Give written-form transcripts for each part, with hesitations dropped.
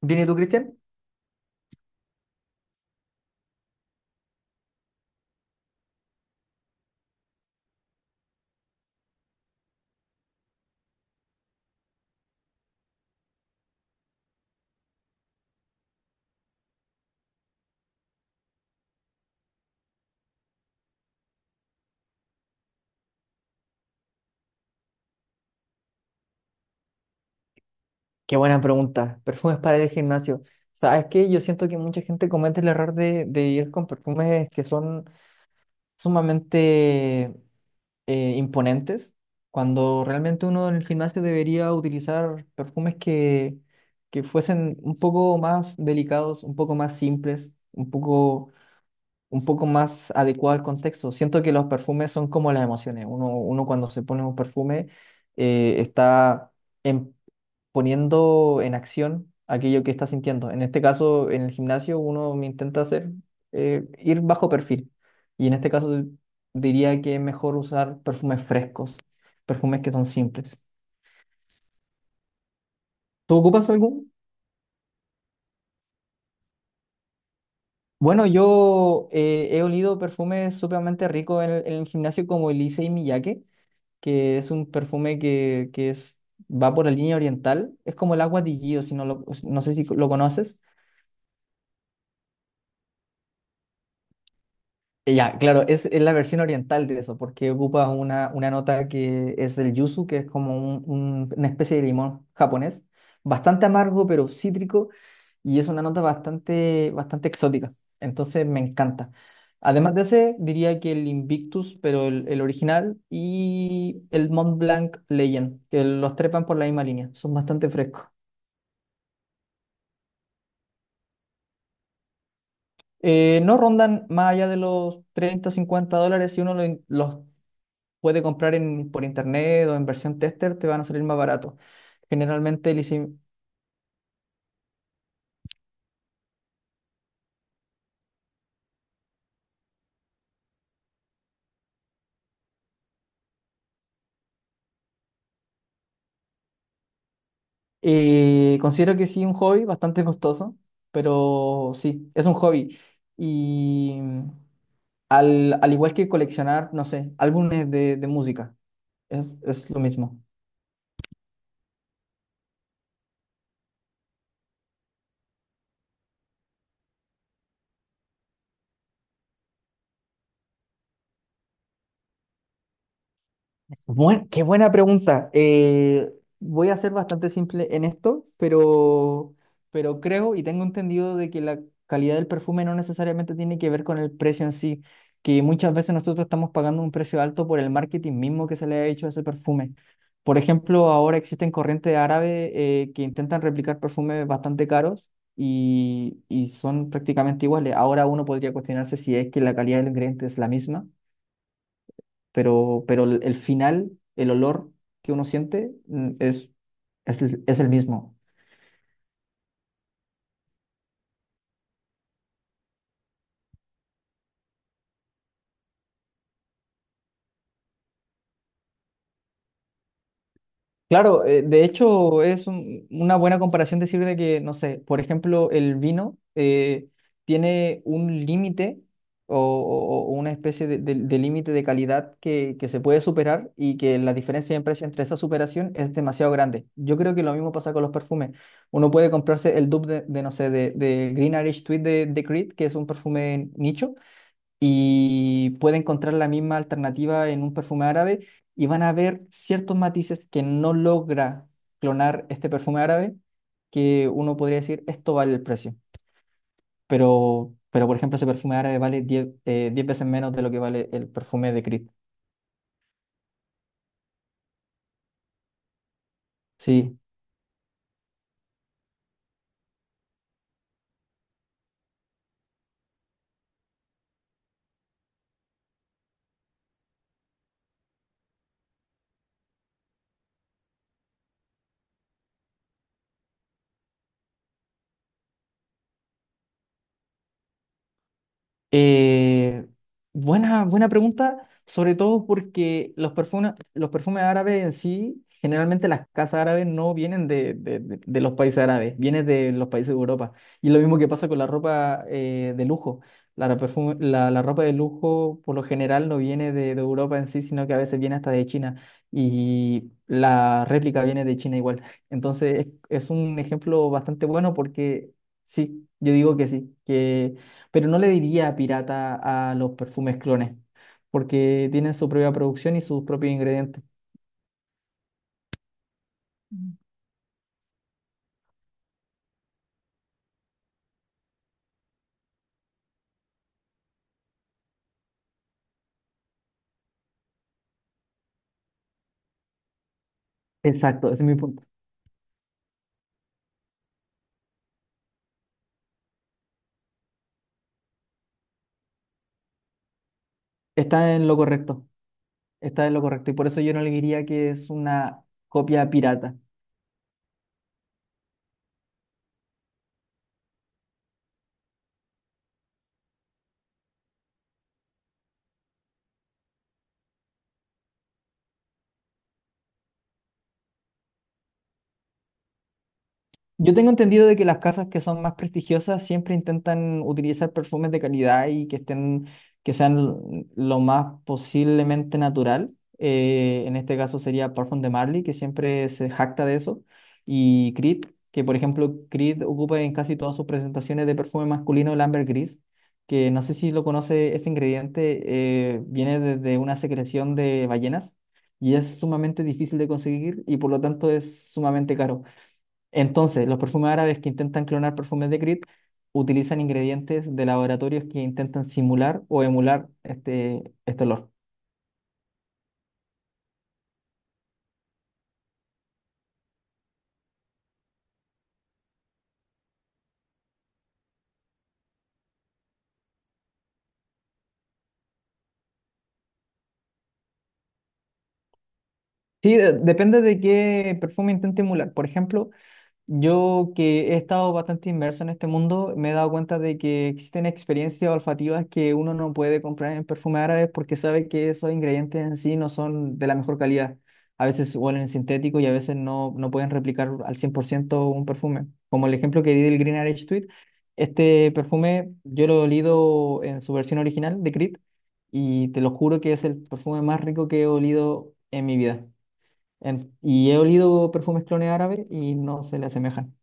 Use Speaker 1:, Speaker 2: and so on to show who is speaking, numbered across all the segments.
Speaker 1: Bien, ¿y tú, Cristian? Qué buena pregunta. Perfumes para ir al gimnasio. ¿Sabes qué? Yo siento que mucha gente comete el error de ir con perfumes que son sumamente imponentes, cuando realmente uno en el gimnasio debería utilizar perfumes que fuesen un poco más delicados, un poco más simples, un poco más adecuado al contexto. Siento que los perfumes son como las emociones. Uno cuando se pone un perfume está poniendo en acción aquello que está sintiendo. En este caso, en el gimnasio, uno me intenta hacer ir bajo perfil. Y en este caso, diría que es mejor usar perfumes frescos, perfumes que son simples. ¿Tú ocupas algún? Bueno, yo he olido perfumes sumamente ricos en el gimnasio como el Issey Miyake, que es un perfume que va por la línea oriental. Es como el agua de Gio, si no, no sé si lo conoces. Ya, claro, es la versión oriental de eso, porque ocupa una nota que es el yuzu, que es como una especie de limón japonés, bastante amargo, pero cítrico, y es una nota bastante, bastante exótica. Entonces me encanta. Además de ese, diría que el Invictus, pero el original, y el Mont Blanc Legend, que los trepan por la misma línea, son bastante frescos. No rondan más allá de los 30 50 dólares si uno los puede comprar por internet o en versión tester, te van a salir más barato. Generalmente, el considero que sí, un hobby bastante costoso, pero sí, es un hobby. Y al igual que coleccionar, no sé, álbumes de música, es lo mismo. Qué buena pregunta. Voy a ser bastante simple en esto, pero creo y tengo entendido de que la calidad del perfume no necesariamente tiene que ver con el precio en sí, que muchas veces nosotros estamos pagando un precio alto por el marketing mismo que se le ha hecho a ese perfume. Por ejemplo, ahora existen corrientes árabes que intentan replicar perfumes bastante caros y son prácticamente iguales. Ahora uno podría cuestionarse si es que la calidad del ingrediente es la misma pero el final, el olor que uno siente es el mismo. Claro, de hecho es una buena comparación decir de que, no sé, por ejemplo, el vino tiene un límite o una especie de límite de calidad que se puede superar y que la diferencia de precio entre esa superación es demasiado grande. Yo creo que lo mismo pasa con los perfumes. Uno puede comprarse el dupe no sé, de Green Irish Tweed de Creed, que es un perfume nicho y puede encontrar la misma alternativa en un perfume árabe y van a ver ciertos matices que no logra clonar este perfume árabe, que uno podría decir, esto vale el precio, pero, por ejemplo, ese perfume árabe vale 10 10 veces menos de lo que vale el perfume de Creed. Sí. Eh, buena pregunta, sobre todo porque los perfumes árabes en sí, generalmente las casas árabes no vienen de los países árabes, vienen de los países de Europa. Y lo mismo que pasa con la ropa de lujo. La, ro- perfume- la ropa de lujo por lo general no viene de Europa en sí, sino que a veces viene hasta de China. Y la réplica viene de China igual. Entonces es un ejemplo bastante bueno porque sí, yo digo que sí, que pero no le diría pirata a los perfumes clones, porque tienen su propia producción y sus propios ingredientes. Exacto, ese es mi punto. Está en lo correcto, está en lo correcto, y por eso yo no le diría que es una copia pirata. Yo tengo entendido de que las casas que son más prestigiosas siempre intentan utilizar perfumes de calidad y que estén, que sean lo más posiblemente natural. En este caso sería Parfum de Marley, que siempre se jacta de eso, y Creed, que por ejemplo Creed ocupa en casi todas sus presentaciones de perfume masculino el ambergris, que no sé si lo conoce, ese ingrediente viene desde una secreción de ballenas y es sumamente difícil de conseguir y por lo tanto es sumamente caro. Entonces, los perfumes árabes que intentan clonar perfumes de Creed utilizan ingredientes de laboratorios que intentan simular o emular este olor. Sí, depende de qué perfume intente emular. Por ejemplo, yo que he estado bastante inmerso en este mundo, me he dado cuenta de que existen experiencias olfativas que uno no puede comprar en perfume árabe porque sabe que esos ingredientes en sí no son de la mejor calidad. A veces huelen sintético y a veces no pueden replicar al 100% un perfume. Como el ejemplo que di del Green Arage Tweed, este perfume yo lo he olido en su versión original de Creed y te lo juro que es el perfume más rico que he olido en mi vida. En- y he olido perfumes clone árabe y no se le asemejan.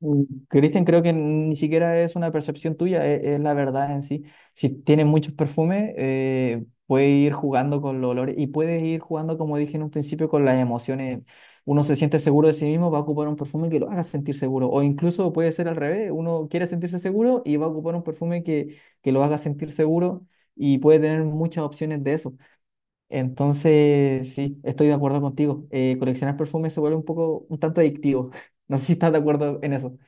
Speaker 1: Mm, Cristian, creo que ni siquiera es una percepción tuya, e- es, la verdad en sí. Si tienes muchos perfumes, puede ir jugando con los olores y puedes ir jugando, como dije en un principio, con las emociones. Uno se siente seguro de sí mismo, va a ocupar un perfume que lo haga sentir seguro. O incluso puede ser al revés, uno quiere sentirse seguro y va a ocupar un perfume que lo haga sentir seguro y puede tener muchas opciones de eso. Entonces, sí, estoy de acuerdo contigo. Coleccionar perfumes se vuelve un poco, un tanto adictivo. No sé si estás de acuerdo en eso.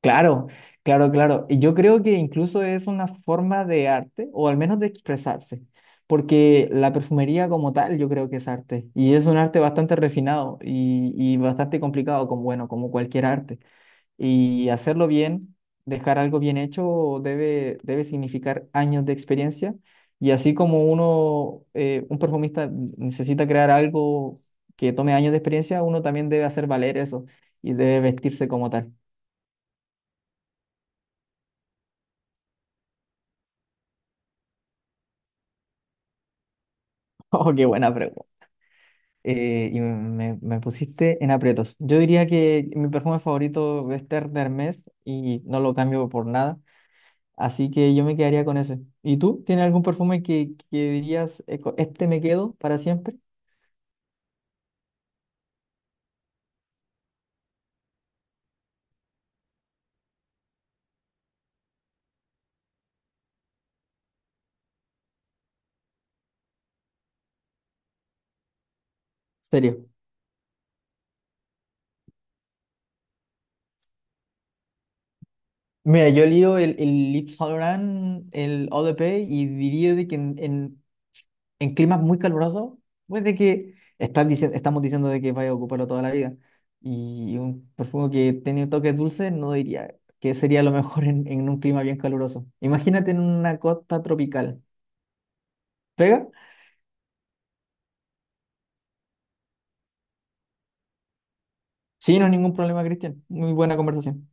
Speaker 1: Claro, claro, claro. Y yo creo que incluso es una forma de arte, o al menos de expresarse, porque la perfumería como tal yo creo que es arte, y es un arte bastante refinado y bastante complicado, como, bueno, como cualquier arte. Y hacerlo bien, dejar algo bien hecho, debe significar años de experiencia. Y así como uno, un perfumista necesita crear algo que tome años de experiencia, uno también debe hacer valer eso y debe vestirse como tal. Oh, qué buena pregunta. Y me pusiste en aprietos. Yo diría que mi perfume favorito es Ter de Hermes y no lo cambio por nada. Así que yo me quedaría con ese. ¿Y tú? ¿Tienes algún perfume que dirías, co- este me quedo para siempre? Serio. Mira, yo lío el Yves Saint Laurent, el Eau de Paix, y diría de que en climas muy calurosos, pues de que estamos diciendo de que vaya a ocuparlo toda la vida. Y un perfume que tiene toques dulces, no diría que sería lo mejor en un clima bien caluroso. Imagínate en una costa tropical. ¿Pega? Sí, no es ningún problema, Cristian. Muy buena conversación.